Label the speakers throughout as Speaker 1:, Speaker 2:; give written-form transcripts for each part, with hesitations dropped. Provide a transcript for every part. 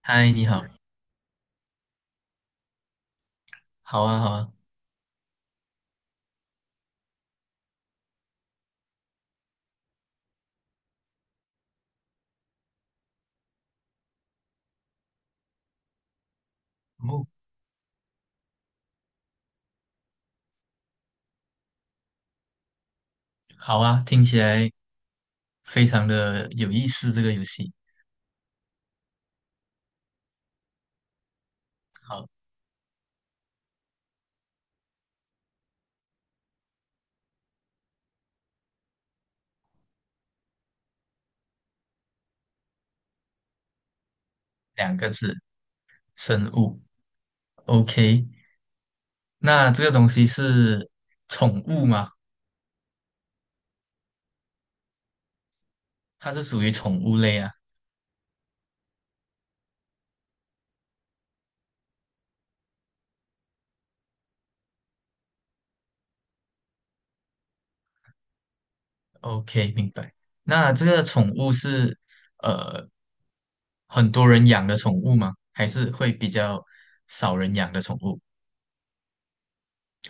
Speaker 1: 嗨，你好，好啊，好啊，哦，好啊，听起来非常的有意思，这个游戏。好，两个字，生物。OK，那这个东西是宠物吗？它是属于宠物类啊。OK，明白。那这个宠物是呃很多人养的宠物吗？还是会比较少人养的宠物？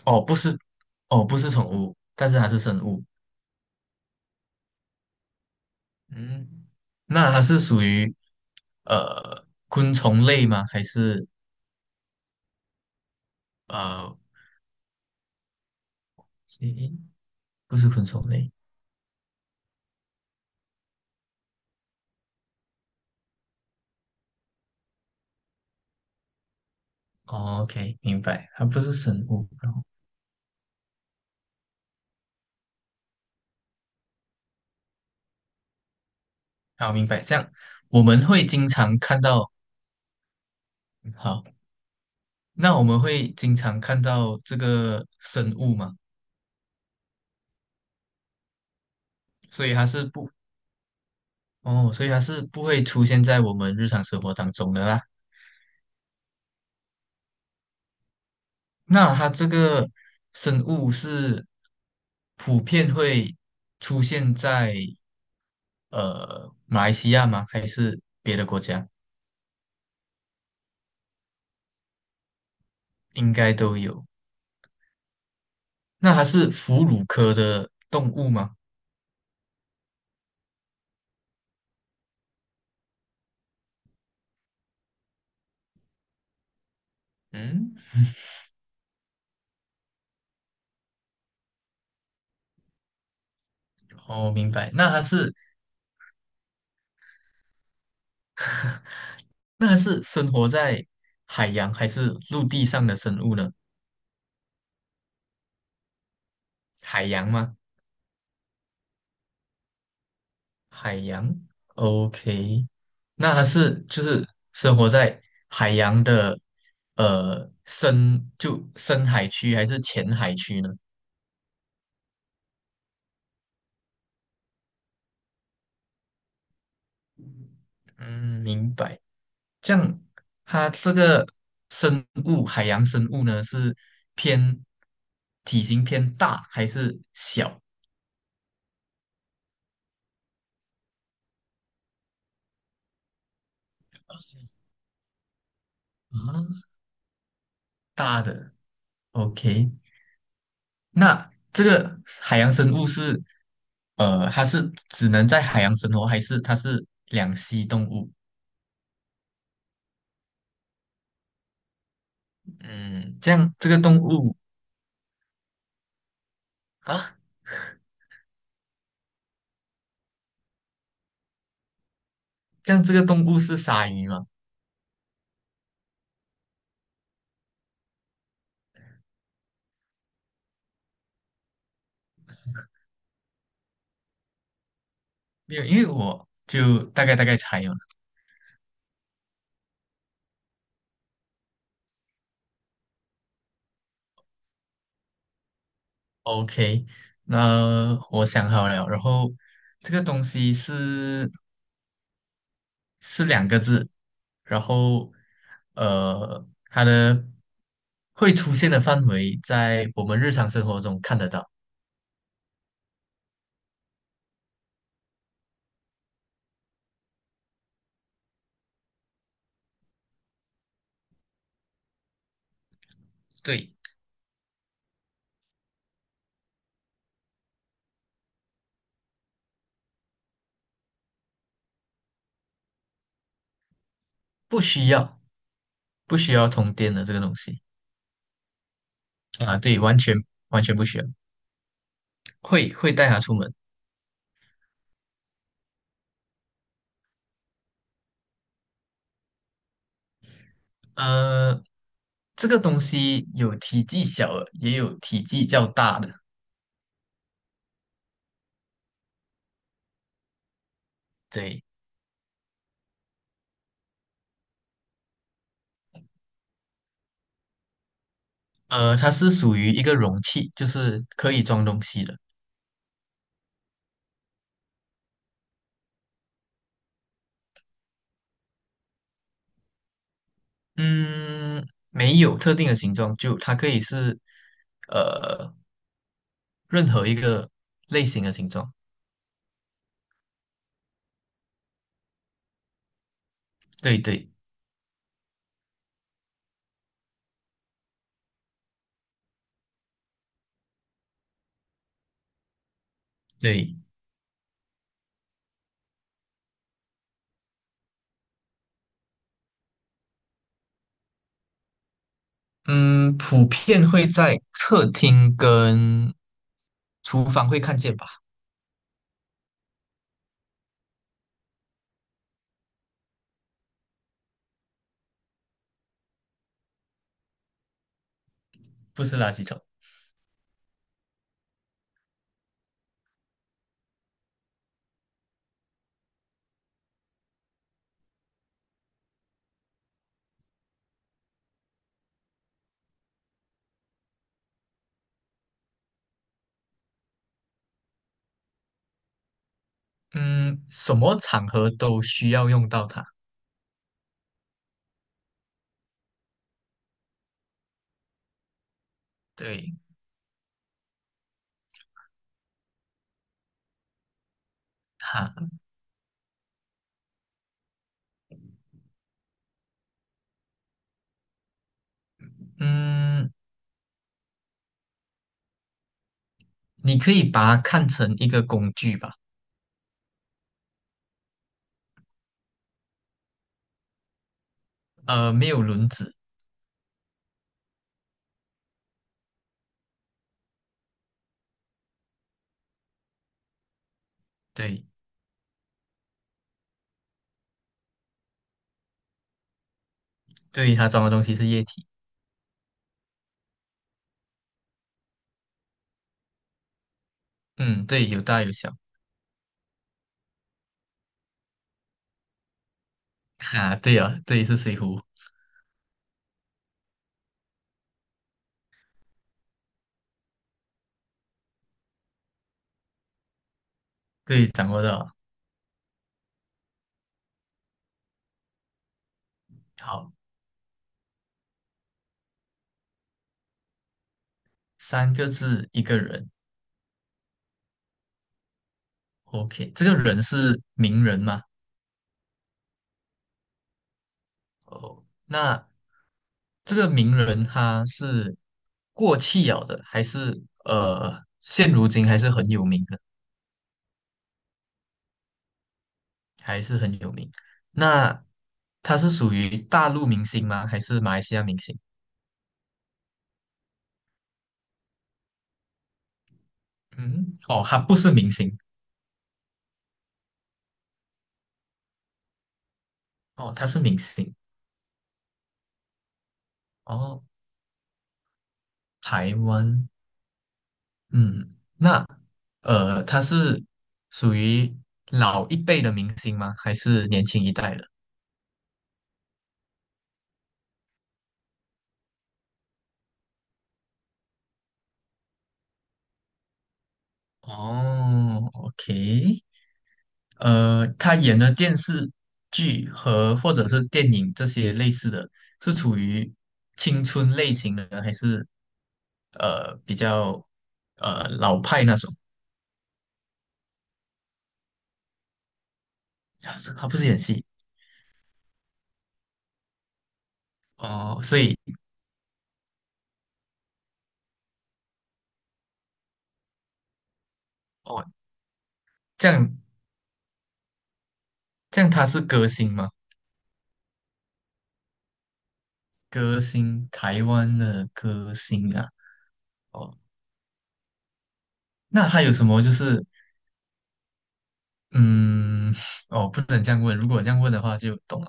Speaker 1: 哦，不是，哦，不是宠物，但是它是生物。嗯，那它是属于昆虫类吗？还是呃，诶，不是昆虫类。哦 OK，明白，它不是生物。然后，好，明白。这样我们会经常看到，好，那我们会经常看到这个生物嘛？所以它是不，哦，所以它是不会出现在我们日常生活当中的啦。那它这个生物是普遍会出现在。马来西亚吗？还是别的国家？应该都有。那它是哺乳科的动物吗？嗯，哦，明白。那它是生活在海洋还是陆地上的生物呢？海洋吗？海洋，OK。那它是就是生活在海洋的深海区还是浅海区呢？嗯，明白。这样，它这个生物，海洋生物呢，是偏体型偏大还是小？啊，大的。OK，那这个海洋生物是，呃，它是只能在海洋生活，还是它是两栖动物？嗯，啊，这样这个动物是鲨鱼吗？没有，因为我就大概猜哦。OK，那我想好了，然后这个东西是是两个字，然后它的会出现的范围在我们日常生活中看得到，对，不需要不需要通电的这个东西啊，对，完全不需要，会带它出门，呃，这个东西有体积小的，也有体积较大的，对。呃，它是属于一个容器，就是可以装东西的。嗯，没有特定的形状，就它可以是呃任何一个类型的形状。对对对，嗯，普遍会在客厅跟厨房会看见吧？不是垃圾桶。嗯，什么场合都需要用到它。对，哈，嗯，你可以把它看成一个工具吧。呃，没有轮子。对。对，它装的东西是液体。嗯，对，有大有小。哈、对啊，对，是水壶。对，掌握到了好，三个字，一个人。OK，这个人是名人吗？哦，那这个名人他是过气了的，还是现如今还是很有名的，还是很有名。那他是属于大陆明星吗？还是马来西亚明星？嗯，哦，他不是明星，哦，他是明星。哦，台湾，嗯，那他是属于老一辈的明星吗？还是年轻一代的？哦，OK，呃，他演的电视剧和或者是电影这些类似的，是处于青春类型的，还是呃比较呃老派那种？啊他不是演戏哦，所以哦，这样这样他是歌星吗？歌星，台湾的歌星啊。哦，那还有什么就是，嗯，哦，不能这样问。如果这样问的话，就懂了。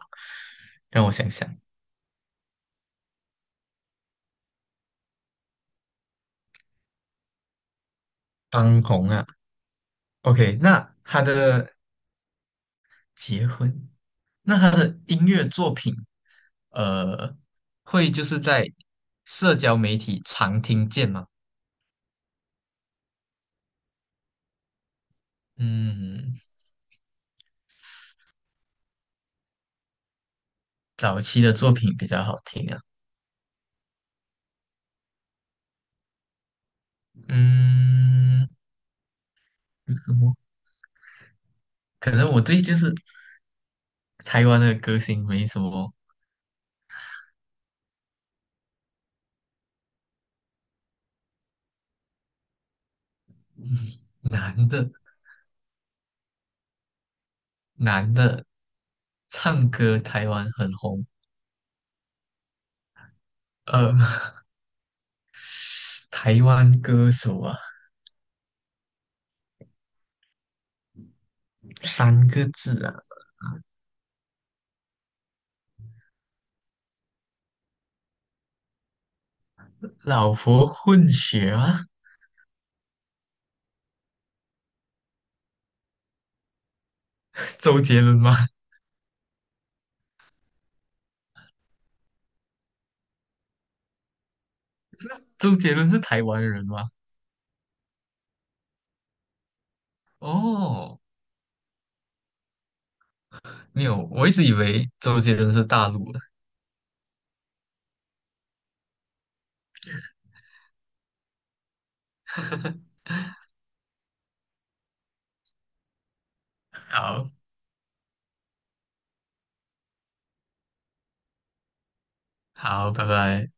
Speaker 1: 让我想想，当红啊，OK，那他的结婚，那他的音乐作品，呃，会就是在社交媒体常听见吗？嗯，早期的作品比较好听啊。嗯，有什么？可能我对就是台湾的歌星没什么难的，男的唱歌，台湾很红。呃，台湾歌手啊，三个字啊，老婆混血啊，周杰伦吗？周杰伦是台湾人吗？哦，没有，我一直以为周杰伦是大陆的。好，好，拜拜。